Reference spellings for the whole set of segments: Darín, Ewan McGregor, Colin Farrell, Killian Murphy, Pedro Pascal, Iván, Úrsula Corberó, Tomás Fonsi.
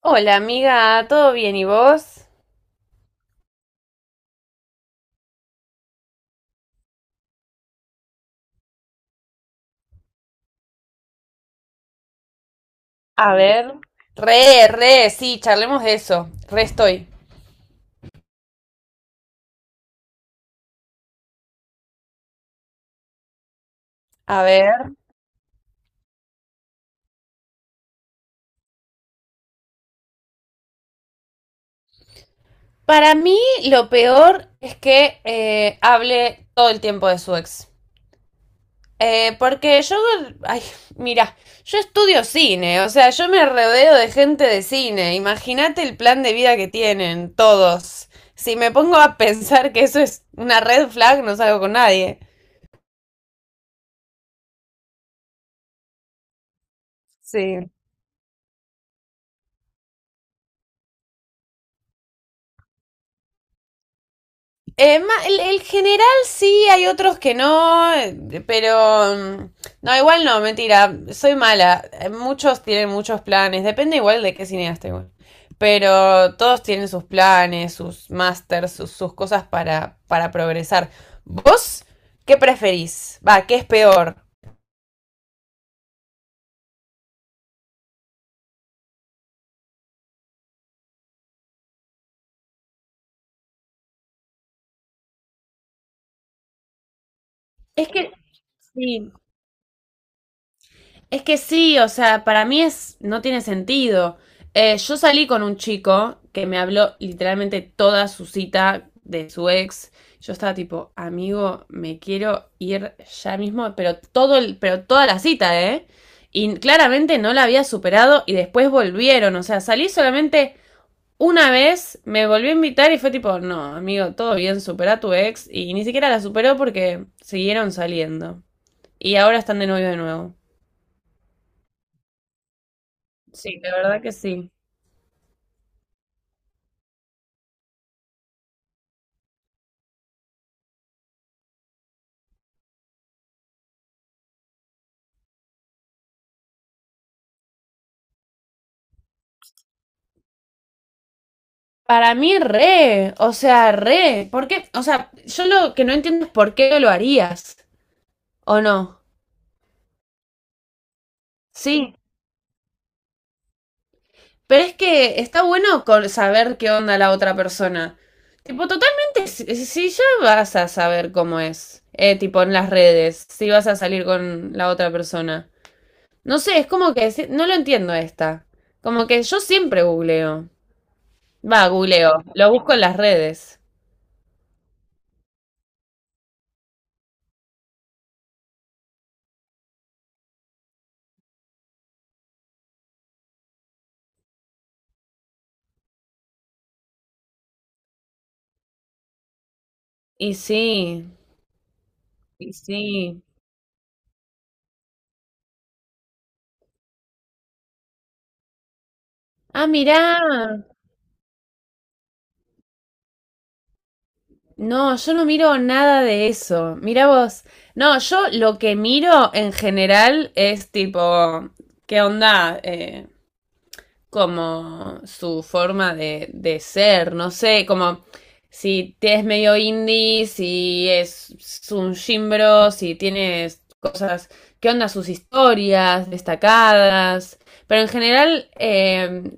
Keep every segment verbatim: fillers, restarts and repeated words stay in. Hola amiga, ¿todo bien y vos? A ver. Re, re, sí, charlemos de eso. Re estoy. A ver. Para mí lo peor es que eh, hable todo el tiempo de su ex. Eh, porque yo, ay, mira, yo estudio cine. O sea, yo me rodeo de gente de cine. Imagínate el plan de vida que tienen todos. Si me pongo a pensar que eso es una red flag, no salgo con nadie. Sí. Eh, el, el general sí, hay otros que no, eh, pero mm, no, igual no, mentira, soy mala. Eh, Muchos tienen muchos planes, depende igual de qué cineasta igual. Pero todos tienen sus planes, sus másters, sus, sus cosas para, para progresar. ¿Vos qué preferís? Va, ¿qué es peor? Es que, sí, Es que sí, o sea, para mí es, no tiene sentido. Eh, yo salí con un chico que me habló literalmente toda su cita de su ex. Yo estaba tipo, amigo, me quiero ir ya mismo, pero todo el, pero toda la cita, ¿eh? Y claramente no la había superado y después volvieron. O sea, salí solamente una vez, me volvió a invitar y fue tipo, no, amigo, todo bien, supera a tu ex. Y ni siquiera la superó porque siguieron saliendo. Y ahora están de novio de nuevo. Sí, de verdad que sí. Para mí, re, o sea, re. ¿Por qué? O sea, yo lo que no entiendo es por qué no lo harías, ¿o no? Sí, pero es que está bueno con saber qué onda la otra persona. Tipo, totalmente, si, si ya vas a saber cómo es, eh, tipo en las redes, si vas a salir con la otra persona. No sé, es como que si- no lo entiendo esta. Como que yo siempre googleo. Va, googleo, lo busco en las redes. Y sí, y sí. Ah, mirá. No, yo no miro nada de eso. Mirá vos. No, yo lo que miro en general es tipo, ¿qué onda? Eh, como su forma de, de ser, no sé, como si te es medio indie, si es un gimbro, si tienes cosas. ¿Qué onda sus historias destacadas? Pero en general, eh,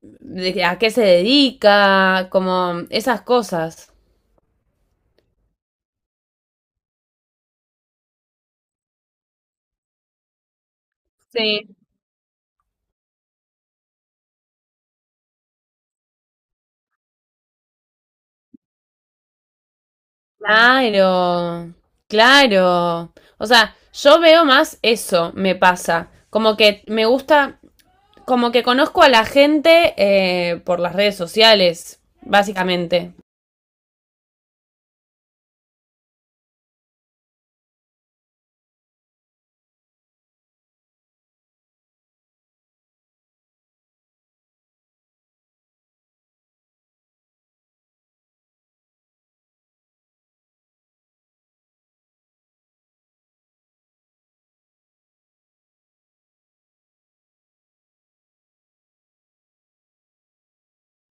de- ¿a qué se dedica? Como esas cosas. Sí, claro, claro. O sea, yo veo más eso, me pasa. Como que me gusta, como que conozco a la gente eh, por las redes sociales, básicamente.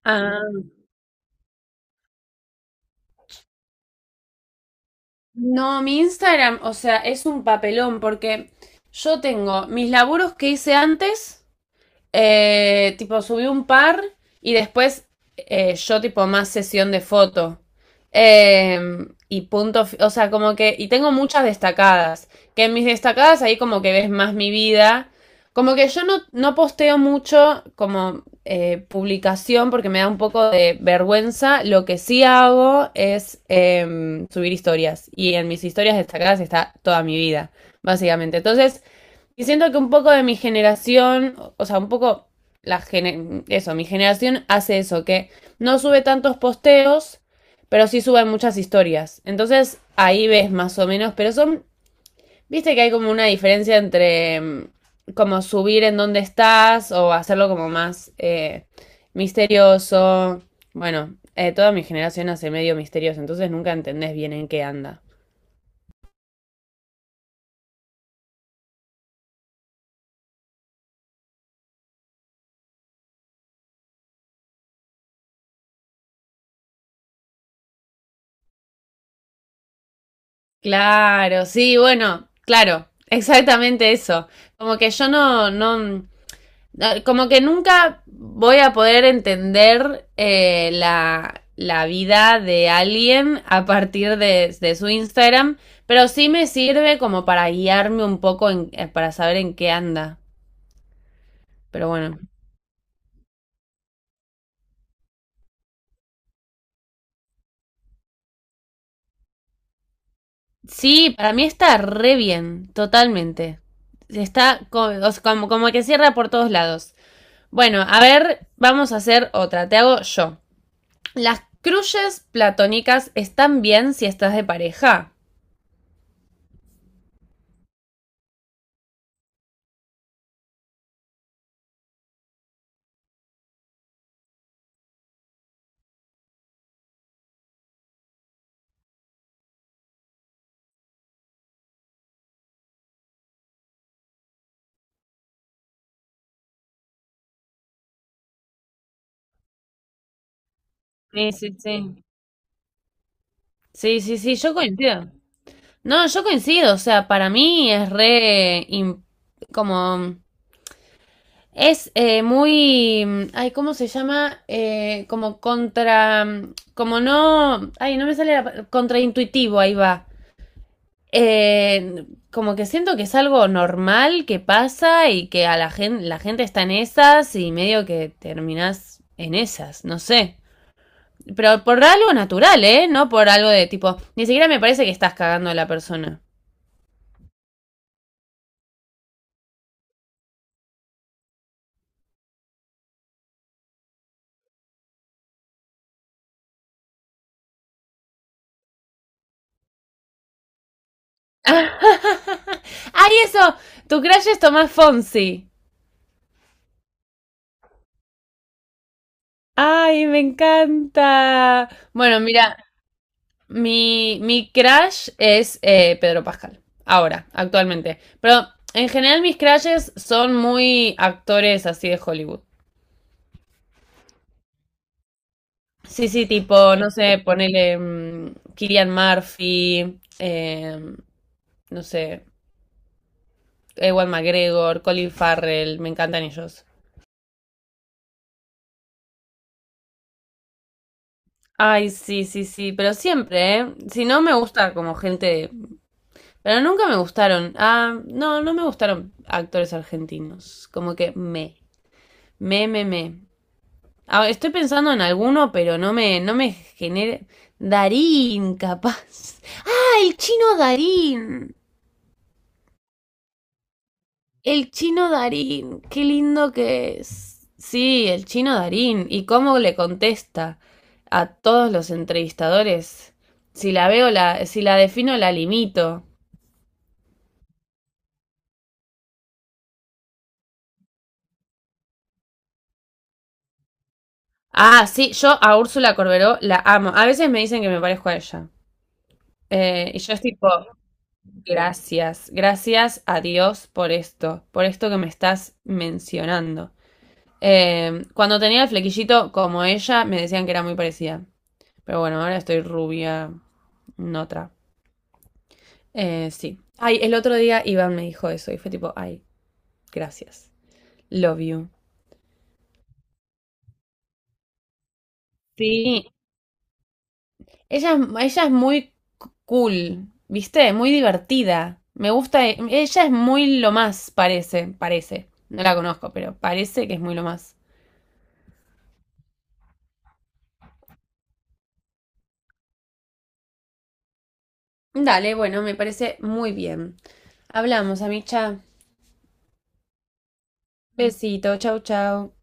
Ah, no, mi Instagram, o sea, es un papelón porque yo tengo mis laburos que hice antes. Eh, tipo, subí un par y después eh, yo tipo más sesión de foto. Eh, y punto, fi- o sea, como que, y tengo muchas destacadas, que en mis destacadas ahí como que ves más mi vida. Como que yo no, no posteo mucho como eh, publicación porque me da un poco de vergüenza. Lo que sí hago es em, subir historias. Y en mis historias destacadas está toda mi vida, básicamente. Entonces, y siento que un poco de mi generación, o sea, un poco la gene- eso, mi generación hace eso, que no sube tantos posteos, pero sí suben muchas historias. Entonces ahí ves más o menos, pero son, viste que hay como una diferencia entre mm, como subir en dónde estás o hacerlo como más eh, misterioso. Bueno, eh, toda mi generación hace medio misterios, entonces nunca entendés bien en qué anda. Claro, sí, bueno, claro, exactamente eso. Como que yo no, no, no, como que nunca voy a poder entender eh, la, la vida de alguien a partir de, de su Instagram, pero sí me sirve como para guiarme un poco en- eh, para saber en qué anda. Pero bueno, sí, para mí está re bien, totalmente. Está co- o sea, como, como que cierra por todos lados. Bueno, a ver, vamos a hacer otra. Te hago yo. Las crushes platónicas están bien si estás de pareja. Sí, sí, sí. Sí, sí, sí, yo coincido. No, yo coincido, o sea, para mí es re, im- como. Es eh, muy, mm, ay, ¿cómo se llama? Eh, como contra, mm, como no, ay, no me sale la, pa- contraintuitivo, ahí va. Eh, Como que siento que es algo normal que pasa y que a la gente, la gente está en esas y medio que terminás en esas, no sé. Pero por algo natural, ¿eh? No por algo de tipo, ni siquiera me parece que estás cagando a la persona. ¡Ay, eso! Tu crush es Tomás Fonsi. ¡Ay, me encanta! Bueno, mira, mi, mi crush es eh, Pedro Pascal. Ahora, actualmente. Pero en general mis crushes son muy actores así de Hollywood. Sí, sí, tipo, no sé, ponele mm, Killian Murphy, eh, no sé, Ewan McGregor, Colin Farrell, me encantan ellos. Ay, sí, sí, sí, pero siempre, ¿eh? Si no me gusta como gente, pero nunca me gustaron. Ah, no, no me gustaron actores argentinos. Como que me, me, me, me. Ah, estoy pensando en alguno, pero no me, no me genera. Darín, capaz. Ah, el chino Darín. El chino Darín, qué lindo que es. Sí, el chino Darín. ¿Y cómo le contesta a todos los entrevistadores? Si la veo, la, si la defino, la limito. Ah, sí, yo a Úrsula Corberó la amo. A veces me dicen que me parezco a ella. Eh, y yo es tipo, gracias, gracias a Dios por esto, por esto, que me estás mencionando. Eh, cuando tenía el flequillito como ella, me decían que era muy parecida. Pero bueno, ahora estoy rubia, no otra. Eh, sí. Ay, el otro día Iván me dijo eso y fue tipo, ay, gracias. Love you. Sí. Ella, es- ella es muy c- cool, ¿viste? Muy divertida. Me gusta. e- Ella es muy lo más, parece, parece. No la conozco, pero parece que es muy lo más. Dale, bueno, me parece muy bien. Hablamos, Amicha. Besito, chau, chau.